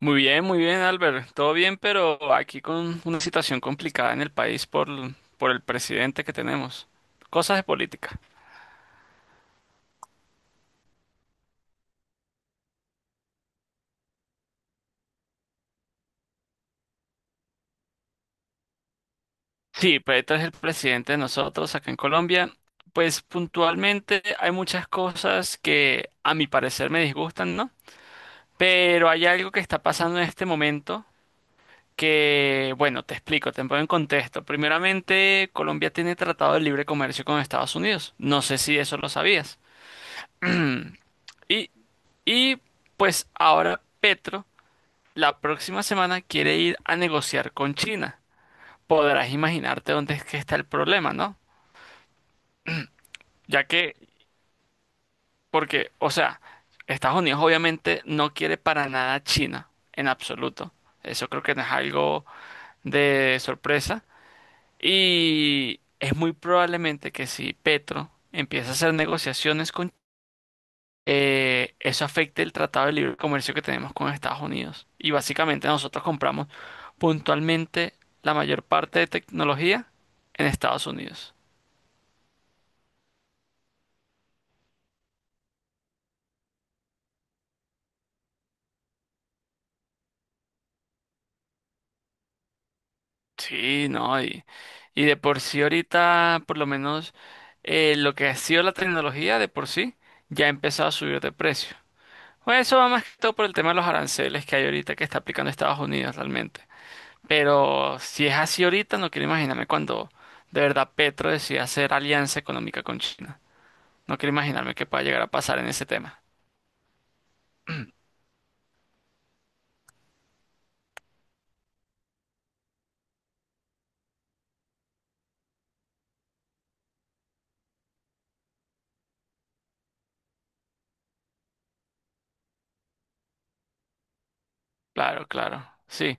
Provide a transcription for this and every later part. Muy bien, Albert. Todo bien, pero aquí con una situación complicada en el país por el presidente que tenemos. Cosas de política. Sí, Petro es el presidente de nosotros acá en Colombia. Pues puntualmente hay muchas cosas que a mi parecer me disgustan, ¿no? Pero hay algo que está pasando en este momento que, bueno, te explico, te pongo en contexto. Primeramente, Colombia tiene tratado de libre comercio con Estados Unidos. No sé si eso lo sabías. Y Y pues ahora Petro la próxima semana quiere ir a negociar con China. Podrás imaginarte dónde es que está el problema, ¿no? Ya que, porque, o sea, Estados Unidos obviamente no quiere para nada a China, en absoluto. Eso creo que no es algo de sorpresa. Y es muy probablemente que si Petro empieza a hacer negociaciones con eso afecta el Tratado de Libre Comercio que tenemos con Estados Unidos. Y básicamente nosotros compramos puntualmente la mayor parte de tecnología en Estados Unidos. Sí, no, y de por sí ahorita, por lo menos lo que ha sido la tecnología de por sí, ya ha empezado a subir de precio. Pues eso va más que todo por el tema de los aranceles que hay ahorita que está aplicando Estados Unidos realmente. Pero si es así ahorita, no quiero imaginarme cuando de verdad Petro decida hacer alianza económica con China. No quiero imaginarme qué pueda llegar a pasar en ese tema. Claro, claro. Sí,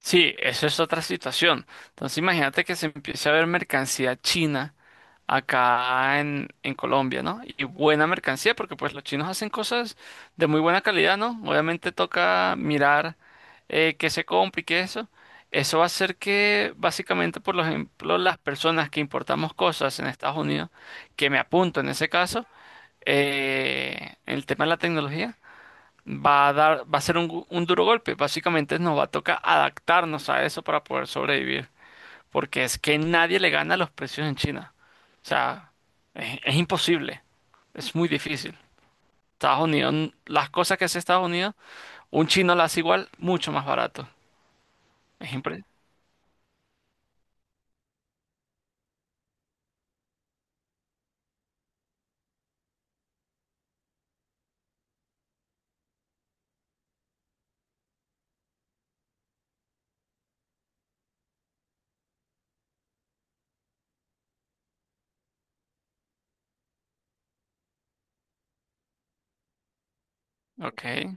sí, eso es otra situación. Entonces imagínate que se empiece a ver mercancía china acá en Colombia, ¿no? Y buena mercancía, porque pues los chinos hacen cosas de muy buena calidad, ¿no? Obviamente toca mirar qué se compra y qué eso. Eso va a hacer que básicamente, por ejemplo, las personas que importamos cosas en Estados Unidos, que me apunto en ese caso, el tema de la tecnología. Va a dar, va a ser un duro golpe. Básicamente nos va a tocar adaptarnos a eso para poder sobrevivir, porque es que nadie le gana los precios en China. O sea, es imposible, es muy difícil. Estados Unidos, n- las cosas que hace Estados Unidos, un chino las hace igual, mucho más barato. Es impre- Ok.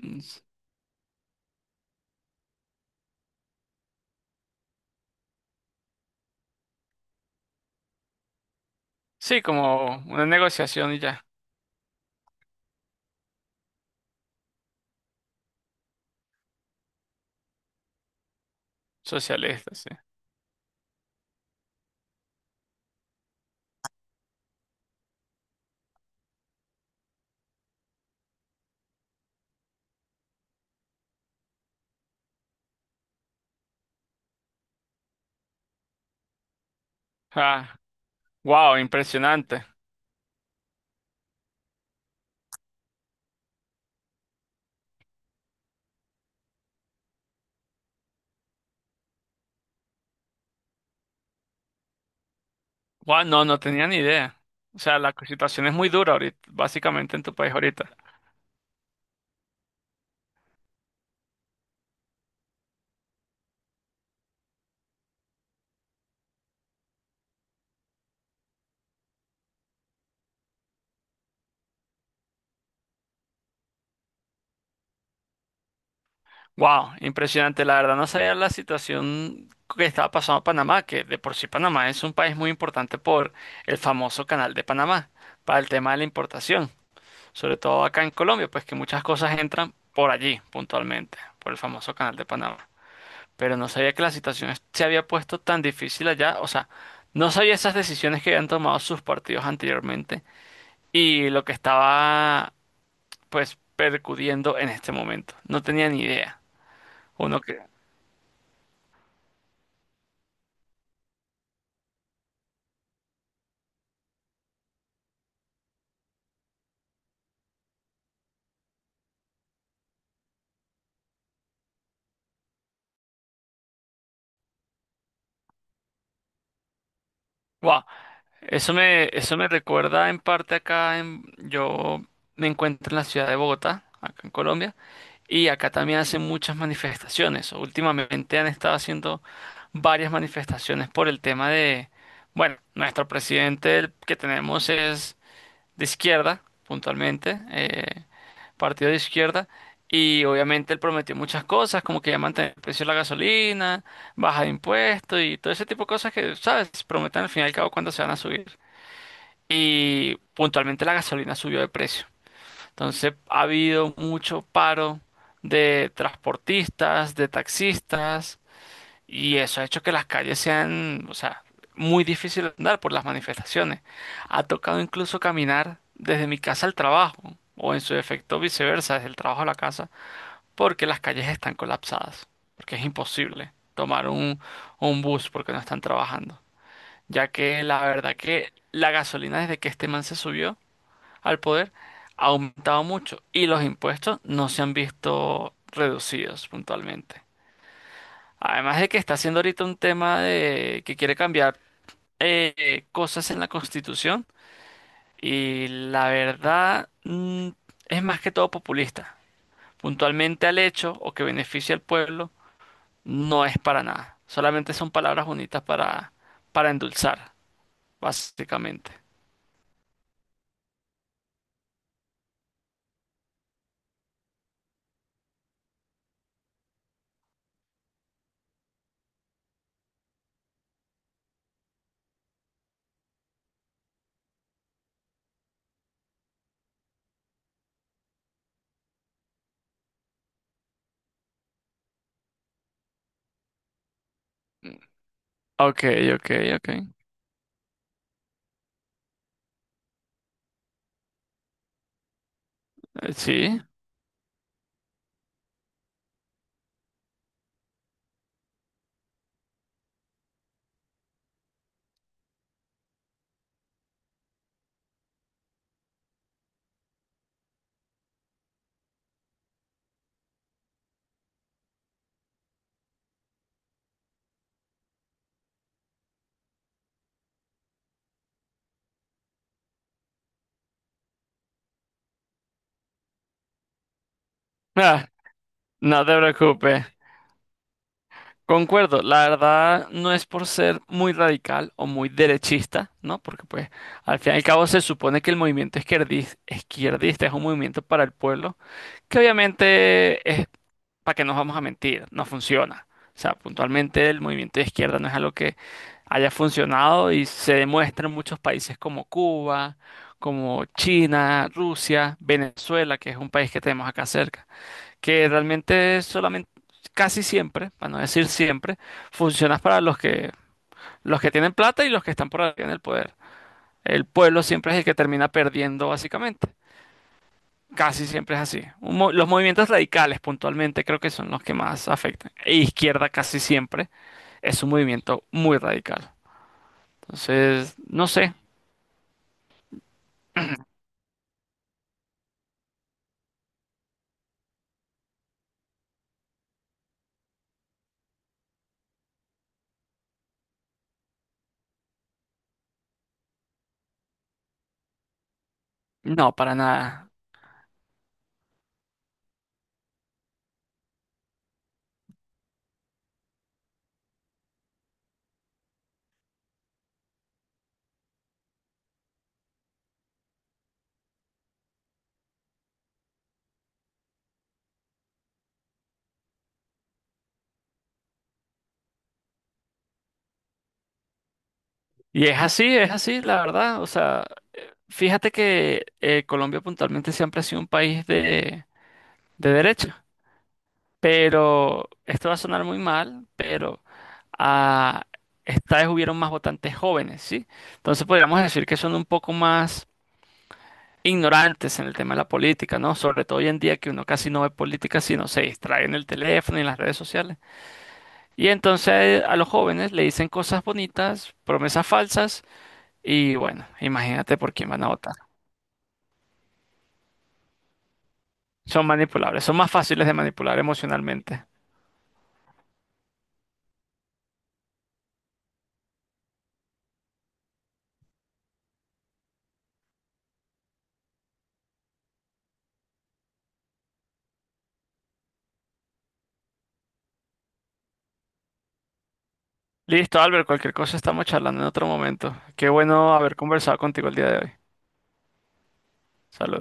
Mm, s- Sí, como una negociación y ya, socialista, sí. Ah, wow, impresionante. Wow, no, no tenía ni idea. O sea, la situación es muy dura ahorita, básicamente en tu país ahorita. Wow, impresionante. La verdad no sabía la situación que estaba pasando a Panamá, que de por sí Panamá es un país muy importante por el famoso Canal de Panamá, para el tema de la importación, sobre todo acá en Colombia, pues que muchas cosas entran por allí puntualmente, por el famoso Canal de Panamá. Pero no sabía que la situación es- se había puesto tan difícil allá, o sea, no sabía esas decisiones que habían tomado sus partidos anteriormente y lo que estaba pues percudiendo en este momento. No tenía ni idea. Uno que... ¡Wow! Eso me recuerda en parte acá en, yo me encuentro en la ciudad de Bogotá, acá en Colombia, y acá también hacen muchas manifestaciones. Últimamente han estado haciendo varias manifestaciones por el tema de, bueno, nuestro presidente el que tenemos es de izquierda, puntualmente, partido de izquierda, y obviamente él prometió muchas cosas, como que ya mantener el precio de la gasolina, baja de impuestos y todo ese tipo de cosas que, ¿sabes? Prometen al fin y al cabo cuando se van a subir y puntualmente la gasolina subió de precio. Entonces ha habido mucho paro de transportistas, de taxistas, y eso ha hecho que las calles sean, o sea, muy difícil de andar por las manifestaciones. Ha tocado incluso caminar desde mi casa al trabajo, o en su defecto viceversa, desde el trabajo a la casa, porque las calles están colapsadas, porque es imposible tomar un bus porque no están trabajando. Ya que la verdad que la gasolina desde que este man se subió, al poder ha aumentado mucho y los impuestos no se han visto reducidos puntualmente. Además de que está haciendo ahorita un tema de que quiere cambiar cosas en la Constitución y la verdad es más que todo populista. Puntualmente al hecho o que beneficie al pueblo no es para nada. Solamente son palabras bonitas para endulzar, básicamente. Ok, ok, ok. Sí. Ah, no te preocupes. Concuerdo, la verdad no es por ser muy radical o muy derechista, ¿no? Porque pues al fin y al cabo se supone que el movimiento izquierdista es un movimiento para el pueblo, que obviamente es, para que no nos vamos a mentir, no funciona. O sea, puntualmente el movimiento de izquierda no es algo que haya funcionado y se demuestra en muchos países como Cuba, como China, Rusia, Venezuela, que es un país que tenemos acá cerca que realmente solamente, casi siempre, para no decir siempre, funciona para los que tienen plata y los que están por arriba en el poder. El pueblo siempre es el que termina perdiendo, básicamente. Casi siempre es así. Un mo- los movimientos radicales, puntualmente, creo que son los que más afectan. E izquierda casi siempre es un movimiento muy radical. Entonces, no sé, no, para nada. Y es así, la verdad. O sea, fíjate que Colombia puntualmente siempre ha sido un país de derecha. Pero esto va a sonar muy mal, pero ah, esta vez hubieron más votantes jóvenes, ¿sí? Entonces podríamos decir que son un poco más ignorantes en el tema de la política, ¿no? Sobre todo hoy en día que uno casi no ve política, sino se distrae en el teléfono y en las redes sociales. Y entonces a los jóvenes le dicen cosas bonitas, promesas falsas, y bueno, imagínate por quién van a votar. Son manipulables, son más fáciles de manipular emocionalmente. Listo, Albert, cualquier cosa estamos charlando en otro momento. Qué bueno haber conversado contigo el día de hoy. Saludos.